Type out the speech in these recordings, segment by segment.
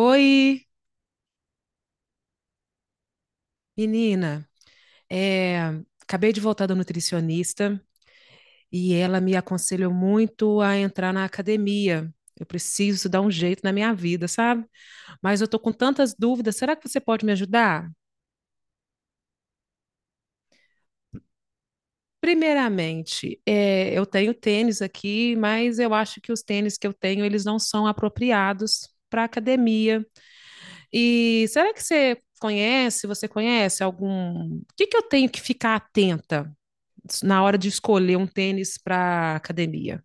Oi, menina. É, acabei de voltar da nutricionista e ela me aconselhou muito a entrar na academia. Eu preciso dar um jeito na minha vida, sabe? Mas eu tô com tantas dúvidas. Será que você pode me ajudar? Primeiramente, eu tenho tênis aqui, mas eu acho que os tênis que eu tenho, eles não são apropriados para academia. E será que você conhece algum... O que que eu tenho que ficar atenta na hora de escolher um tênis para academia?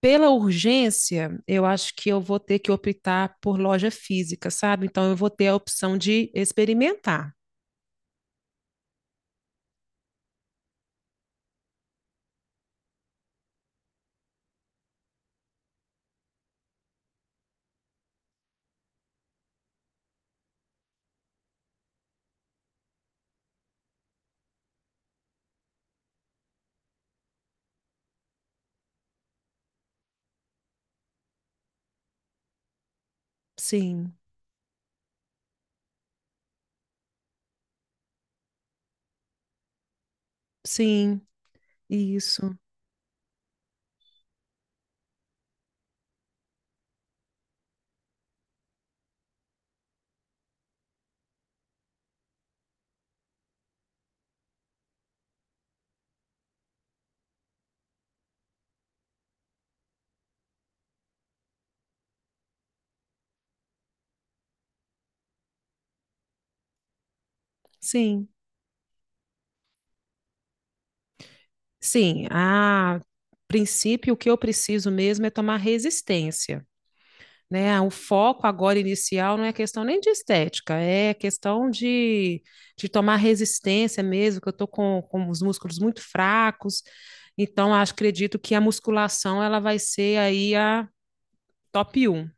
Pela urgência, eu acho que eu vou ter que optar por loja física, sabe? Então eu vou ter a opção de experimentar. Sim, sim, isso. Sim, sim. A princípio, o que eu preciso mesmo é tomar resistência, né? O foco agora inicial não é questão nem de estética, é questão de tomar resistência mesmo, que eu estou com os músculos muito fracos. Então, acredito que a musculação ela vai ser aí a top um.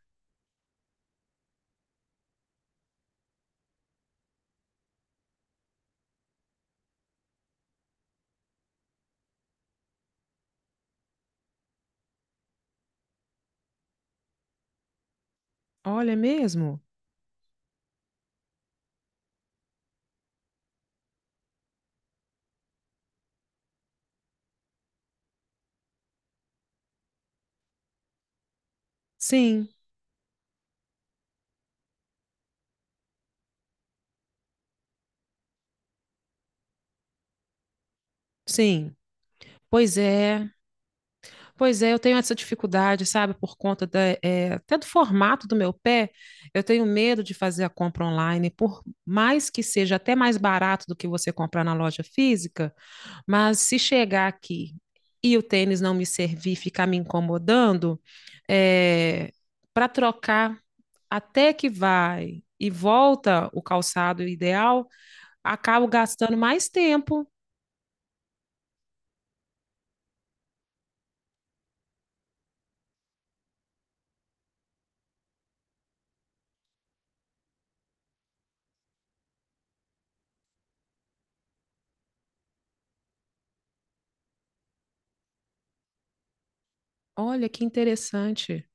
Olha, é mesmo? Sim, sim. Pois é, pois é, eu tenho essa dificuldade, sabe, por conta da, até do formato do meu pé. Eu tenho medo de fazer a compra online, por mais que seja até mais barato do que você comprar na loja física. Mas se chegar aqui e o tênis não me servir, ficar me incomodando, é, para trocar até que vai e volta o calçado ideal, acabo gastando mais tempo. Olha que interessante.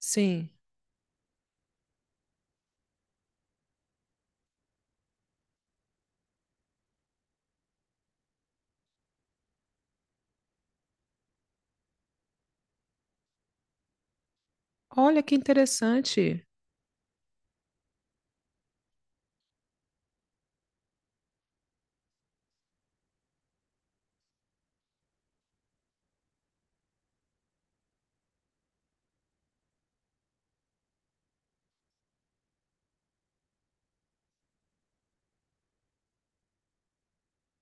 Sim, olha que interessante.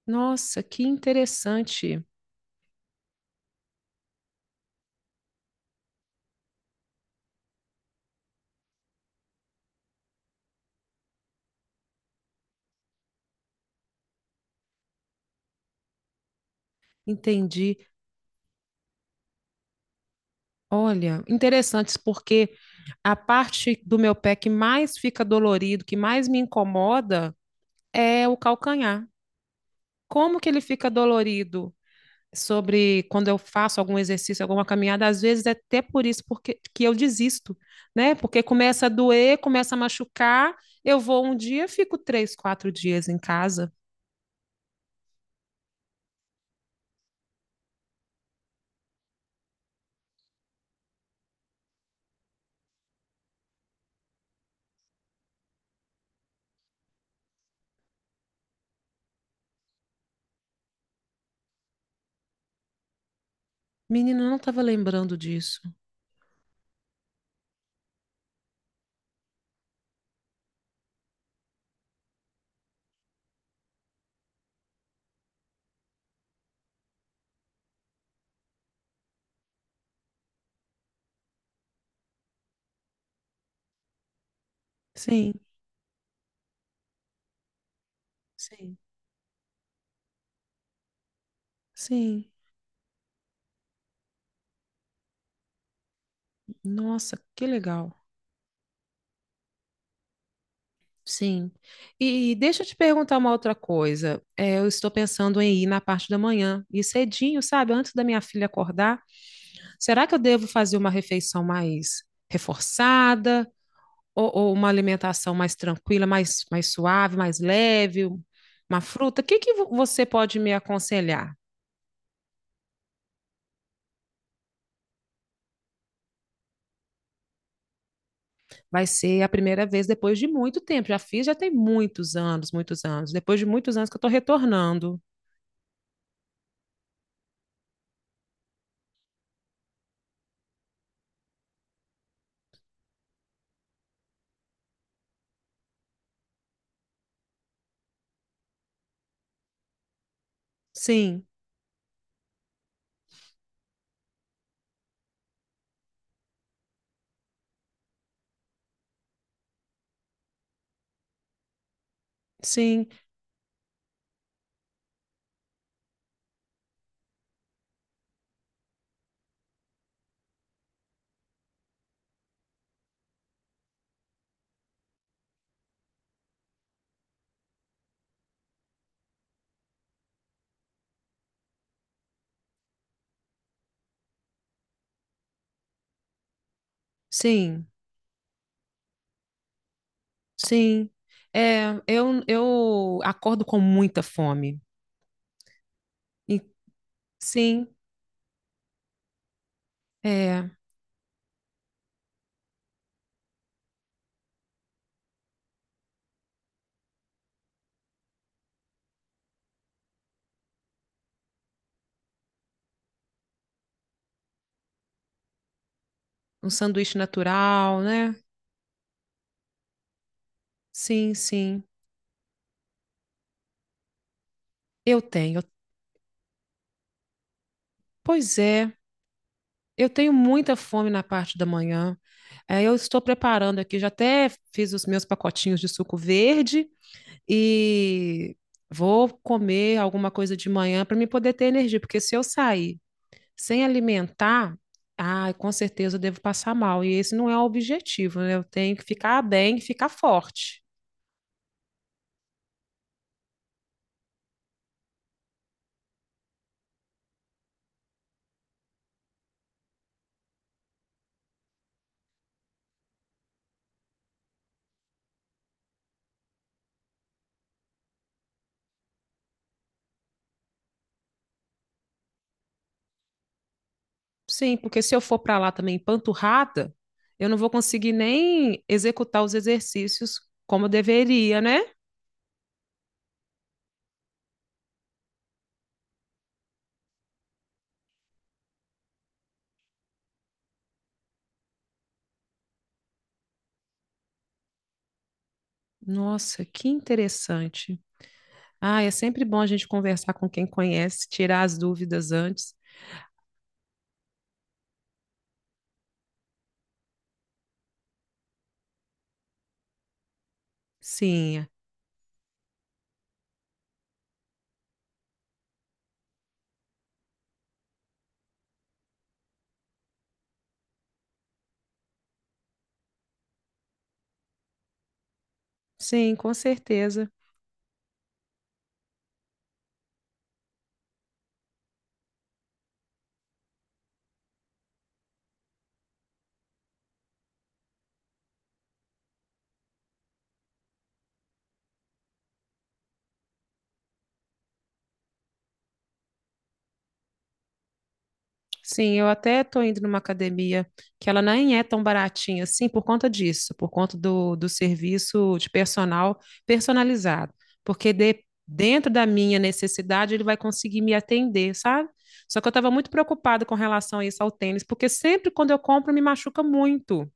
Nossa, que interessante. Entendi. Olha, interessantes porque a parte do meu pé que mais fica dolorido, que mais me incomoda, é o calcanhar. Como que ele fica dolorido sobre quando eu faço algum exercício, alguma caminhada? Às vezes é até por isso que eu desisto, né? Porque começa a doer, começa a machucar. Eu vou um dia, fico 3, 4 dias em casa. Menina, eu não estava lembrando disso. Sim, sim, sim. Nossa, que legal. Sim. E deixa eu te perguntar uma outra coisa. É, eu estou pensando em ir na parte da manhã, e cedinho, sabe? Antes da minha filha acordar, será que eu devo fazer uma refeição mais reforçada ou uma alimentação mais tranquila, mais suave, mais leve, uma fruta? O que que você pode me aconselhar? Vai ser a primeira vez depois de muito tempo. Já fiz, já tem muitos anos, muitos anos. Depois de muitos anos que eu estou retornando. Sim, sim, sim, sim. É, eu acordo com muita fome. E, sim, é um sanduíche natural, né? Sim, sim. Eu tenho. Pois é, eu tenho muita fome na parte da manhã. É, eu estou preparando aqui, já até fiz os meus pacotinhos de suco verde e vou comer alguma coisa de manhã para me poder ter energia, porque se eu sair sem alimentar, ah, com certeza eu devo passar mal. E esse não é o objetivo, né? Eu tenho que ficar bem, ficar forte. Sim, porque se eu for para lá também empanturrada, eu não vou conseguir nem executar os exercícios como eu deveria, né? Nossa, que interessante. Ah, é sempre bom a gente conversar com quem conhece, tirar as dúvidas antes. Sim, sim, com certeza. Sim, eu até estou indo numa academia que ela nem é tão baratinha assim por conta disso, por conta do, do serviço de personal personalizado. Porque dentro da minha necessidade ele vai conseguir me atender, sabe? Só que eu estava muito preocupada com relação a isso ao tênis, porque sempre quando eu compro me machuca muito.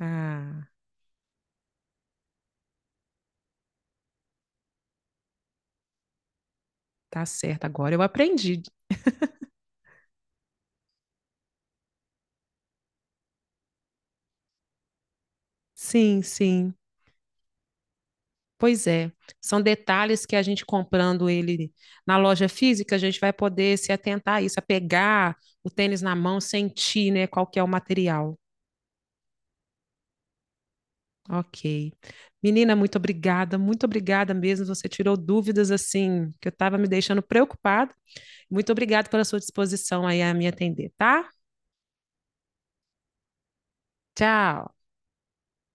Ah. Tá certo, agora eu aprendi. Sim, sim. Pois é. São detalhes que a gente comprando ele na loja física, a gente vai poder se atentar a isso, a pegar o tênis na mão, sentir, né, qual que é o material. Ok. Menina, muito obrigada mesmo. Você tirou dúvidas assim que eu estava me deixando preocupada. Muito obrigada pela sua disposição aí a me atender, tá? Tchau.